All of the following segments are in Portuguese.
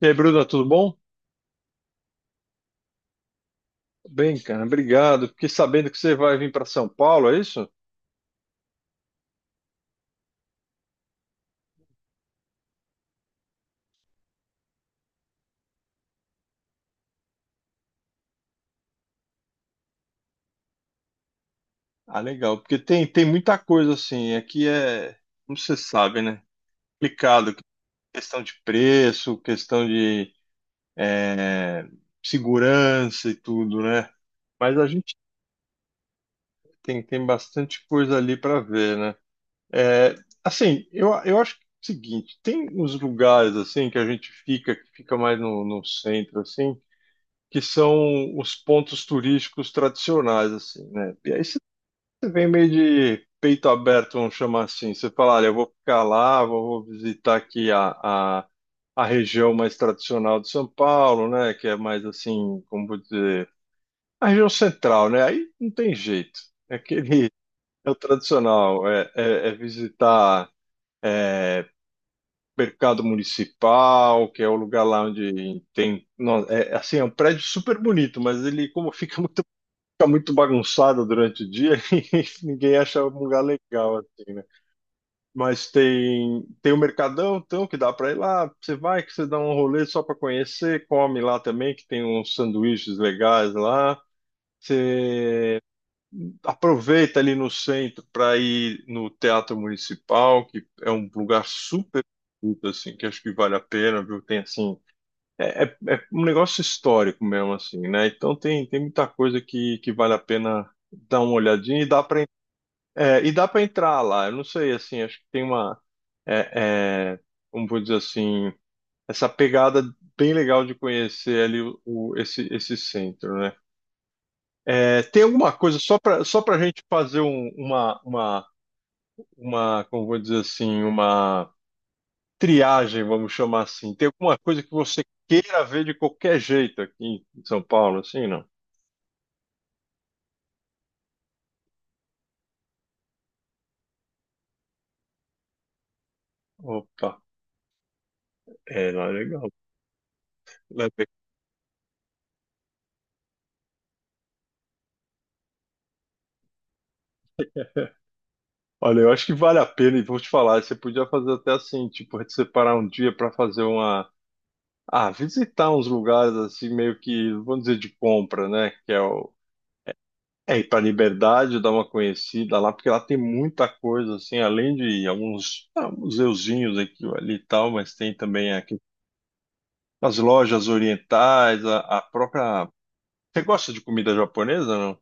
E aí, Bruna, tudo bom? Bem, cara, obrigado. Fiquei sabendo que você vai vir para São Paulo, é isso? Ah, legal, porque tem muita coisa assim. Aqui é, como você sabe, né? Complicado, questão de preço, questão de é, segurança e tudo, né? Mas a gente tem bastante coisa ali para ver, né? É, assim, eu acho que é o seguinte: tem uns lugares assim que a gente fica, que fica mais no centro, assim, que são os pontos turísticos tradicionais, assim, né? E aí você vem meio de peito aberto, vamos chamar assim. Você fala, olha, eu vou ficar lá, vou visitar aqui a região mais tradicional de São Paulo, né? Que é mais assim, como vou dizer, a região central, né? Aí não tem jeito. É aquele, é o tradicional, é visitar, é, mercado municipal, que é o lugar lá onde tem, é, assim, é um prédio super bonito, mas ele como fica muito fica muito bagunçada durante o dia e ninguém acha um lugar legal, assim, né? Mas tem o Mercadão, então, que dá para ir lá. Você vai, que você dá um rolê só para conhecer, come lá também, que tem uns sanduíches legais lá. Você aproveita ali no centro para ir no Teatro Municipal, que é um lugar super bonito, assim, que acho que vale a pena, viu? Tem, assim, é um negócio histórico mesmo, assim, né? Então tem muita coisa que vale a pena dar uma olhadinha e e dá para entrar lá. Eu não sei, assim, acho que tem uma, é, é, como vou dizer assim, essa pegada bem legal de conhecer ali esse centro, né? É, tem alguma coisa só para gente fazer uma, como vou dizer assim, uma triagem, vamos chamar assim? Tem alguma coisa que você queira ver de qualquer jeito aqui em São Paulo, assim, não? Opa, não, é legal. Né? Olha, eu acho que vale a pena, e vou te falar, você podia fazer até assim, tipo, separar um dia para fazer uma. Ah, visitar uns lugares assim, meio que, vamos dizer, de compra, né? Que é o. É, ir para Liberdade, dar uma conhecida lá, porque lá tem muita coisa, assim, além de alguns museuzinhos aqui ou ali e tal, mas tem também a as lojas orientais, a própria. Você gosta de comida japonesa, não?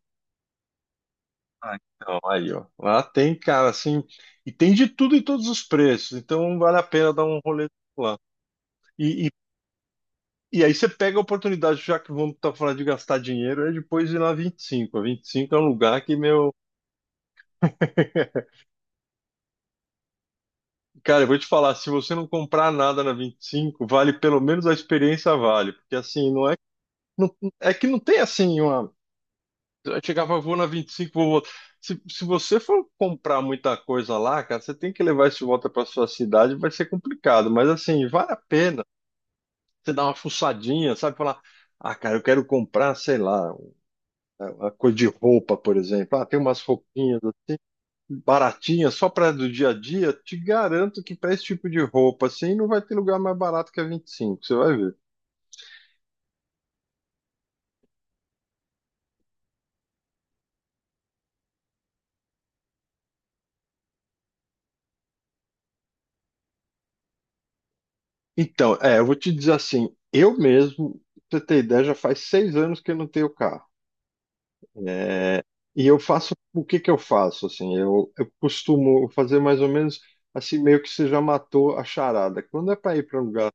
Ah, então, aí, ó. Lá tem, cara, assim. E tem de tudo e todos os preços. Então vale a pena dar um rolê lá. E, e, e aí você pega a oportunidade, já que vamos estar falando de gastar dinheiro, depois ir na 25. A 25 é um lugar que, meu. Cara, eu vou te falar, se você não comprar nada na 25 vale pelo menos a experiência vale, porque assim, não é, não, é que não tem assim uma, eu chegava, vou na 25, vou voltar. Se você for comprar muita coisa lá, cara, você tem que levar isso de volta para sua cidade, vai ser complicado. Mas assim, vale a pena você dar uma fuçadinha, sabe? Falar, ah, cara, eu quero comprar, sei lá, uma coisa de roupa, por exemplo. Ah, tem umas roupinhas assim, baratinhas, só para do dia a dia. Te garanto que para esse tipo de roupa, assim, não vai ter lugar mais barato que a 25. Você vai ver. Então, eu vou te dizer assim, eu mesmo, pra você ter ideia, já faz 6 anos que eu não tenho carro. É, e eu faço o que que eu faço assim, eu costumo fazer mais ou menos assim meio que você já matou a charada. Quando é para ir para um lugar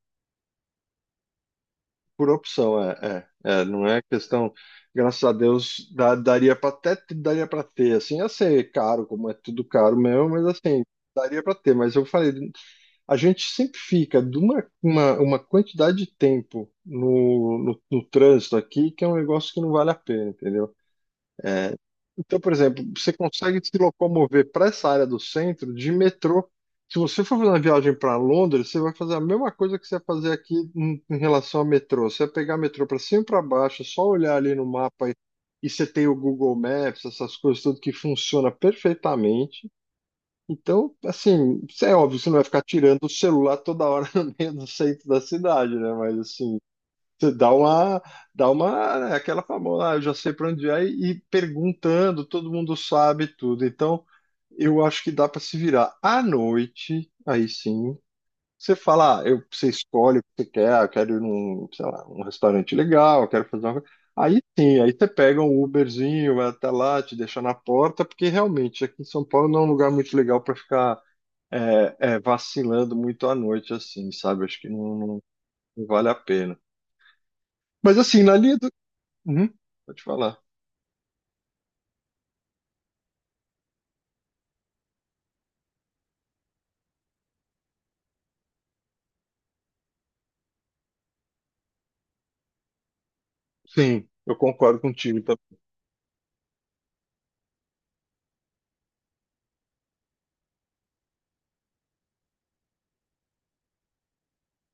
por opção, não é questão, graças a Deus, daria para até daria para ter assim, ia ser caro, como é tudo caro mesmo, mas assim, daria para ter, mas eu falei, a gente sempre fica de uma quantidade de tempo no trânsito aqui que é um negócio que não vale a pena, entendeu? Então, por exemplo, você consegue se locomover para essa área do centro de metrô. Se você for fazer uma viagem para Londres, você vai fazer a mesma coisa que você vai fazer aqui em relação ao metrô. Você vai pegar metrô para cima e para baixo, é só olhar ali no mapa e você tem o Google Maps, essas coisas tudo que funciona perfeitamente. Então, assim, isso é óbvio, você não vai ficar tirando o celular toda hora no meio do centro da cidade, né? Mas assim, você dá uma, né, aquela famosa, ah, eu já sei para onde é, e perguntando, todo mundo sabe tudo. Então, eu acho que dá para se virar. À noite, aí sim, você fala, ah, você escolhe o que você quer, ah, eu quero ir num, sei lá, um restaurante legal, eu quero fazer uma coisa. Aí sim, aí você pega um Uberzinho, vai até lá, te deixa na porta, porque realmente aqui em São Paulo não é um lugar muito legal para ficar vacilando muito à noite, assim, sabe? Acho que não, não vale a pena. Mas assim, na linha do. Uhum. Vou falar. Sim, eu concordo contigo. Tá?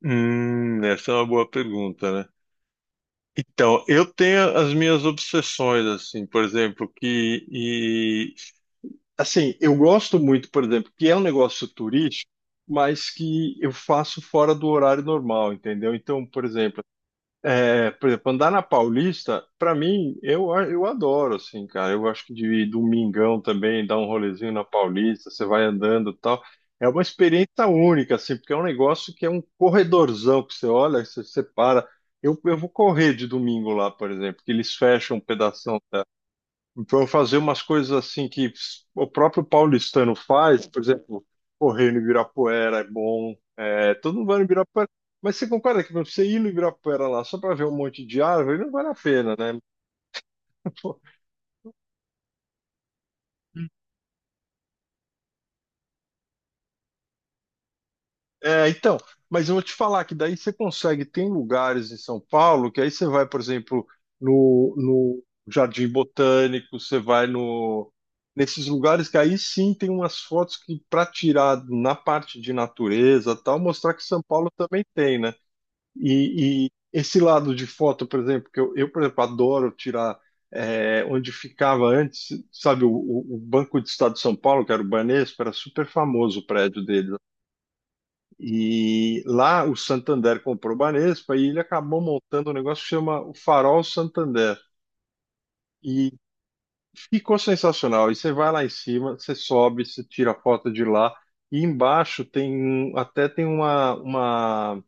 Essa é uma boa pergunta, né? Então, eu tenho as minhas obsessões, assim, por exemplo, que, e, assim, eu gosto muito, por exemplo, que é um negócio turístico, mas que eu faço fora do horário normal, entendeu? Então, por exemplo, andar na Paulista, pra mim, eu adoro, assim, cara. Eu acho que de domingão também, dar um rolezinho na Paulista, você vai andando e tal. É uma experiência única, assim, porque é um negócio que é um corredorzão que você olha, você para. Eu vou correr de domingo lá, por exemplo, que eles fecham um pedaço então, fazer umas coisas assim que o próprio paulistano faz, por exemplo, correr no Ibirapuera é bom, todo mundo vai no Ibirapuera. Mas você concorda que pra você ir no Ibirapuera lá só para ver um monte de árvore não vale a pena, né? Então, mas eu vou te falar que daí você consegue, tem lugares em São Paulo que aí você vai, por exemplo, no, Jardim Botânico, você vai no, nesses lugares que aí sim tem umas fotos que para tirar na parte de natureza, tal, mostrar que São Paulo também tem, né? E esse lado de foto, por exemplo, que eu por exemplo, adoro tirar onde ficava antes, sabe, o Banco do Estado de São Paulo, que era o Banespa, era super famoso o prédio deles e lá o Santander comprou o Banespa e ele acabou montando um negócio que chama o Farol Santander. E ficou sensacional. E você vai lá em cima, você sobe, você tira a foto de lá. E embaixo tem um, até tem uma,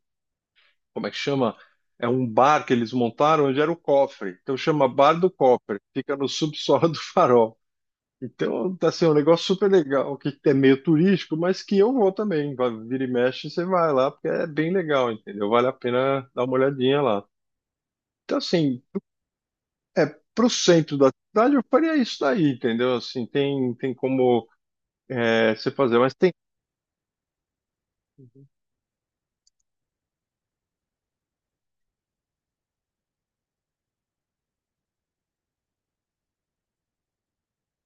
como é que chama? É um bar que eles montaram onde era o cofre. Então chama Bar do Cofre. Fica no subsolo do farol. Então, tá assim, é um negócio super legal, que é meio turístico, mas que eu vou também. Vira e mexe, você vai lá, porque é bem legal, entendeu? Vale a pena dar uma olhadinha lá. Então, assim, é pro centro da cidade, eu faria isso daí, entendeu? Assim, tem como você fazer, mas tem.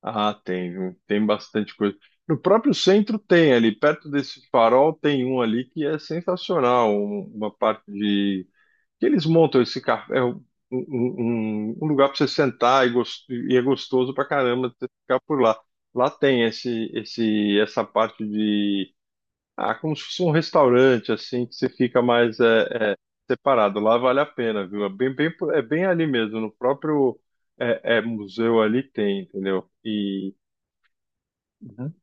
Ah, tem, viu? Tem bastante coisa. No próprio centro tem ali, perto desse farol tem um ali que é sensacional, uma parte de que eles montam esse café, um lugar para você sentar e é gostoso pra caramba você ficar por lá. Lá tem essa parte de, como se fosse um restaurante, assim, que você fica mais separado. Lá vale a pena, viu? É bem, bem, ali mesmo, no próprio museu ali tem, entendeu? E. Uhum.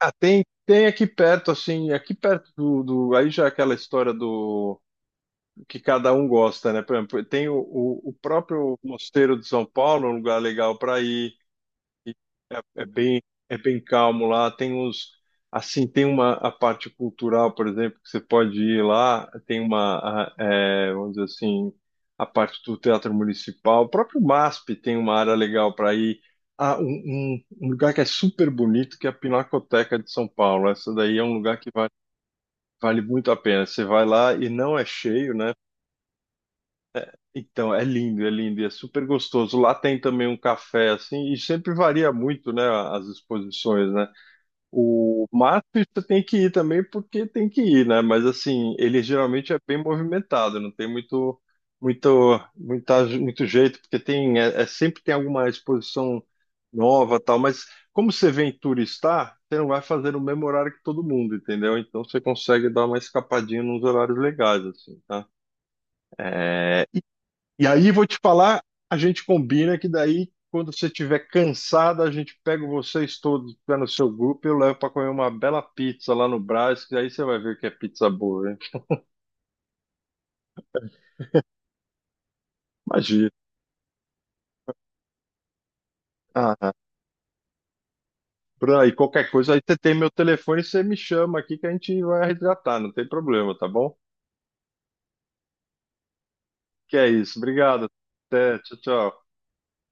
Ah, tem aqui perto, assim, aqui perto aí já é aquela história do que cada um gosta, né? Por exemplo, tem o próprio Mosteiro de São Paulo, um lugar legal para ir, e é, é bem é bem calmo lá. Tem os assim tem uma a parte cultural, por exemplo, que você pode ir lá. Tem vamos dizer assim a parte do Teatro Municipal, o próprio MASP tem uma área legal para ir. Ah, um lugar que é super bonito que é a Pinacoteca de São Paulo. Essa daí é um lugar que vale muito a pena. Você vai lá e não é cheio, né? Então, é lindo e é super gostoso. Lá tem também um café, assim, e sempre varia muito, né, as exposições, né? O MASP você tem que ir também porque tem que ir, né? Mas, assim, ele geralmente é bem movimentado, não tem muito, jeito, porque sempre tem alguma exposição nova, tal, mas como você vem turistar, você não vai fazer no mesmo horário que todo mundo, entendeu? Então, você consegue dar uma escapadinha nos horários legais, assim, tá? É, e aí vou te falar, a gente combina que daí, quando você estiver cansado, a gente pega vocês todos que tá no seu grupo e eu levo para comer uma bela pizza lá no Brás, que aí você vai ver que é pizza boa, hein? Imagina. Ah, Bruno, aí qualquer coisa, aí você tem meu telefone, você me chama aqui que a gente vai resgatar, não tem problema, tá bom? Que é isso. Obrigado. Até, tchau, tchau.